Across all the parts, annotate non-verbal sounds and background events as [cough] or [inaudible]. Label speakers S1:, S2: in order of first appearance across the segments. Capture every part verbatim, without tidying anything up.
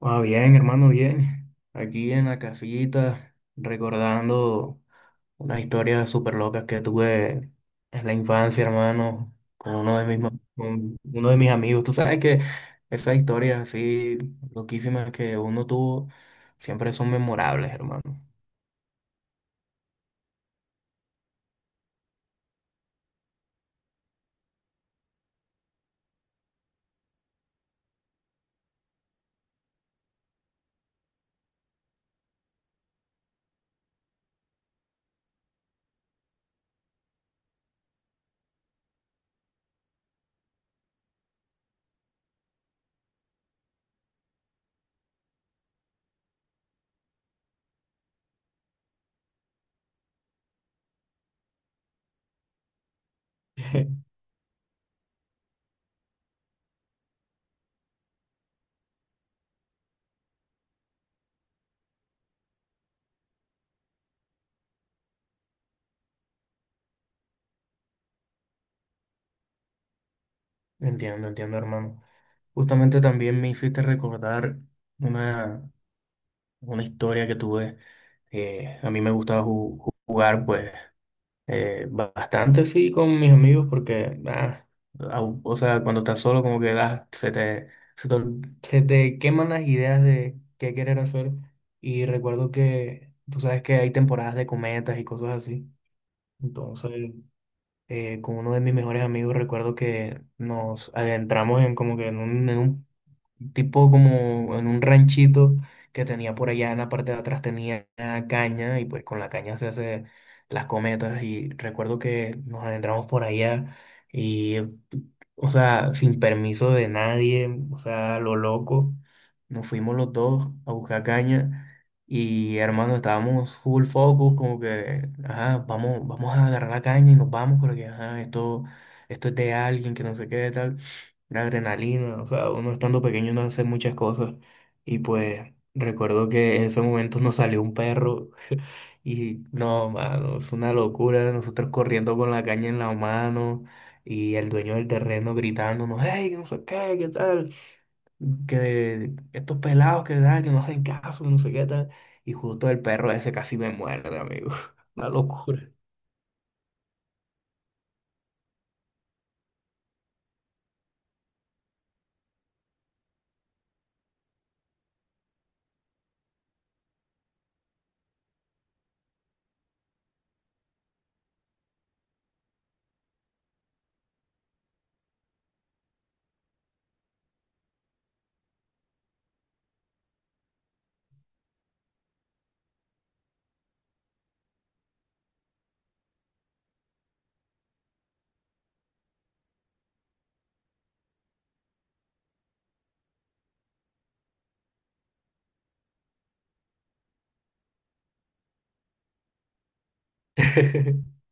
S1: Ah, bien, hermano, bien. Aquí en la casita, recordando unas historias súper locas que tuve en la infancia, hermano, con uno de mis, ma- con uno de mis amigos. Tú sabes que esas historias así loquísimas que uno tuvo siempre son memorables, hermano. [laughs] Entiendo, entiendo, hermano. Justamente también me hiciste recordar una, una historia que tuve. Eh, a mí me gustaba ju- jugar, pues. Eh, bastante sí con mis amigos porque, ah, au- o sea, cuando estás solo, como que ah, se te, se te, ol- se te queman las ideas de qué querer hacer. Y recuerdo que tú sabes que hay temporadas de cometas y cosas así. Entonces, eh, con uno de mis mejores amigos, recuerdo que nos adentramos en como que en un, en un tipo como en un ranchito que tenía por allá. En la parte de atrás tenía caña, y pues con la caña se hace las cometas, y recuerdo que nos adentramos por allá y, o sea, sin permiso de nadie, o sea, lo loco, nos fuimos los dos a buscar caña. Y hermano, estábamos full focus, como que, ajá, vamos, vamos a agarrar la caña y nos vamos, porque ajá, esto, esto es de alguien, que no sé qué, tal. La adrenalina, o sea, uno estando pequeño no hace muchas cosas. Y pues recuerdo que en esos momentos nos salió un perro y no, mano, es una locura, nosotros corriendo con la caña en la mano y el dueño del terreno gritándonos, hey, que no sé qué, qué tal, que estos pelados que dan, que no hacen caso, no sé qué tal. Y justo el perro ese casi me muerde, amigo. [laughs] Una locura. [laughs]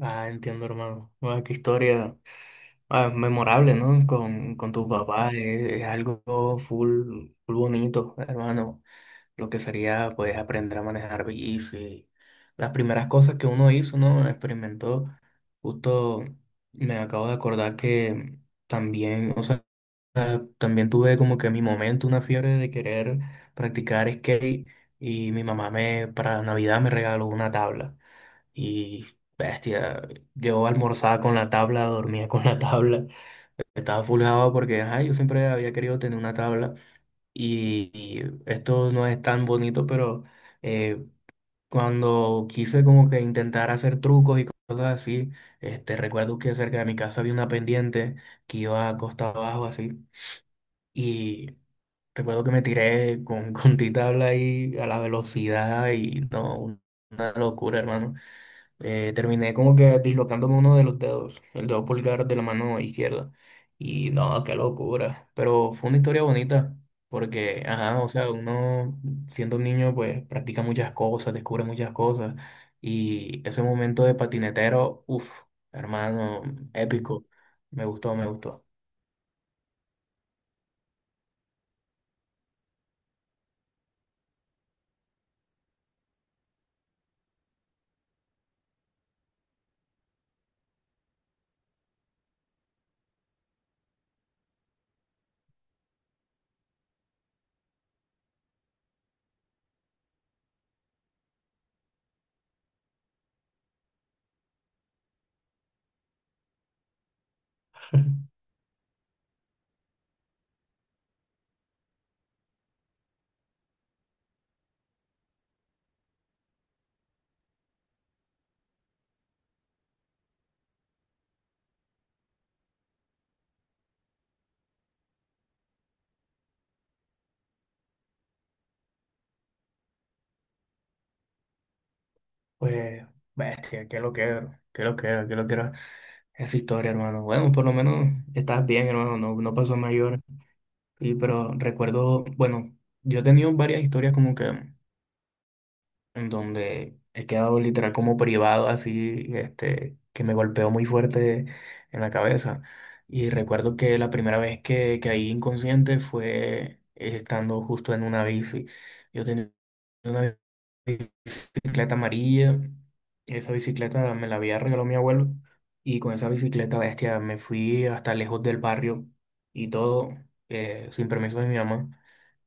S1: Ah, entiendo, hermano. Ah, qué historia ah, memorable, ¿no? Con, con tu papá. eh, Es algo full, full bonito, hermano. Lo que sería, pues, aprender a manejar bici. Las primeras cosas que uno hizo, ¿no? Experimentó. Justo me acabo de acordar que también, o sea, también tuve como que mi momento, una fiebre de querer practicar skate, y mi mamá me, para Navidad, me regaló una tabla. Y bestia, yo almorzaba con la tabla, dormía con la tabla, estaba fulgado porque ajá, yo siempre había querido tener una tabla. Y, y esto no es tan bonito, pero eh, cuando quise como que intentar hacer trucos y cosas así, este, recuerdo que cerca de mi casa había una pendiente que iba a costa abajo así. Y recuerdo que me tiré con, [laughs] con ti tabla ahí a la velocidad y no, una locura, hermano. Eh, terminé como que dislocándome uno de los dedos, el dedo pulgar de la mano izquierda. Y no, qué locura. Pero fue una historia bonita, porque, ajá, o sea, uno siendo un niño, pues practica muchas cosas, descubre muchas cosas. Y ese momento de patinetero, uff, hermano, épico. Me gustó, me gustó. [laughs] Pues, bestia, que lo quiero, que lo quiero, que lo quiero. Esa historia, hermano. Bueno, por lo menos estás bien, hermano, no, no pasó mayor. Y, pero recuerdo, bueno, yo he tenido varias historias como que en donde he quedado literal como privado, así, este, que me golpeó muy fuerte en la cabeza. Y recuerdo que la primera vez que caí inconsciente fue eh, estando justo en una bici. Yo tenía una bici bicicleta amarilla. Esa bicicleta me la había regalado mi abuelo, y con esa bicicleta, bestia, me fui hasta lejos del barrio y todo eh, sin permiso de mi mamá.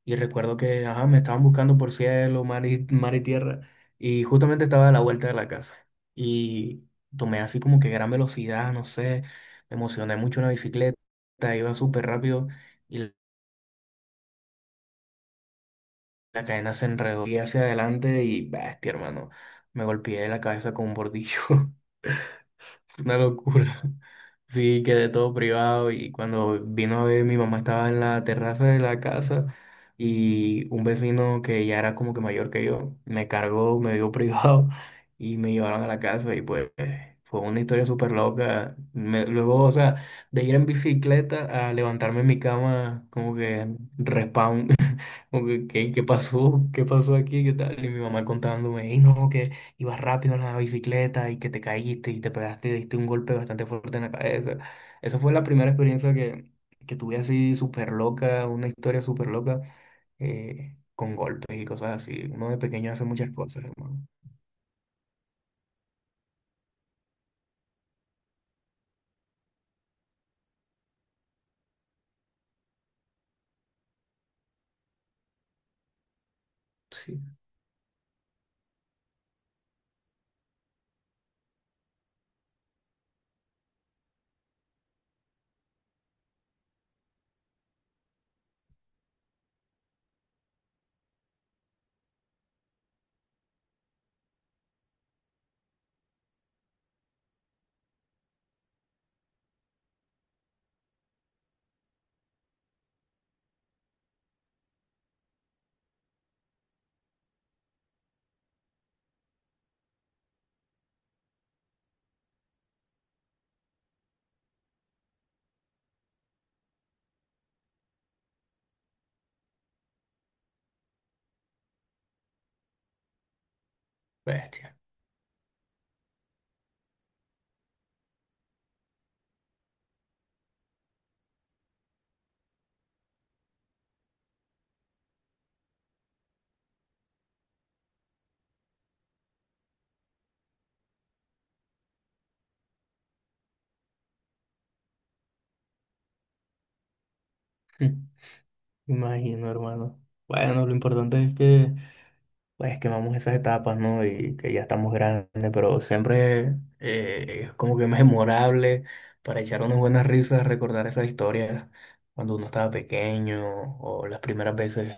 S1: Y recuerdo que ajá, me estaban buscando por cielo, mar y, mar y tierra, y justamente estaba a la vuelta de la casa. Y tomé así como que gran velocidad, no sé, me emocioné mucho en la bicicleta, iba súper rápido, y la la cadena se enredó y hacia adelante y, bestia, hermano, me golpeé la cabeza con un bordillo. [laughs] [laughs] Una locura. Sí, quedé todo privado, y cuando vino a ver, mi mamá estaba en la terraza de la casa, y un vecino que ya era como que mayor que yo me cargó, me dio [laughs] privado y me llevaron a la casa, y pues fue una historia súper loca. Me- luego, o sea, de ir en bicicleta a levantarme en mi cama como que respawn, como que, ¿Qué, qué pasó? ¿Qué pasó aquí? ¿Qué tal? Y mi mamá contándome, y no, que ibas rápido en la bicicleta y que te caíste y te pegaste, diste un golpe bastante fuerte en la cabeza. Esa fue la primera experiencia que, que tuve así súper loca, una historia súper loca, eh, con golpes y cosas así. Uno de pequeño hace muchas cosas, hermano. Sí, bestia. [laughs] Imagino, hermano. Bueno, lo importante es que pues quemamos esas etapas, ¿no? Y que ya estamos grandes, pero siempre eh, es como que [laughs] memorable para echar unas buenas risas, recordar esas historias cuando uno estaba pequeño o las primeras veces,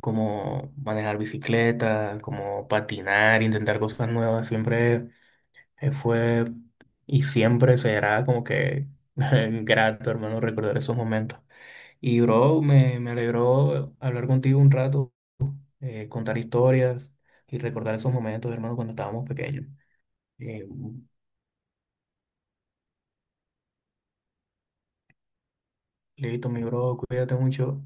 S1: como manejar bicicleta, como patinar, intentar cosas nuevas. Siempre eh, fue y siempre será como que [laughs] grato, hermano, recordar esos momentos. Y bro, me, me alegró hablar contigo un rato, eh, contar historias y recordar esos momentos, hermano, cuando estábamos pequeños. Eh, Listo, mi bro, cuídate mucho.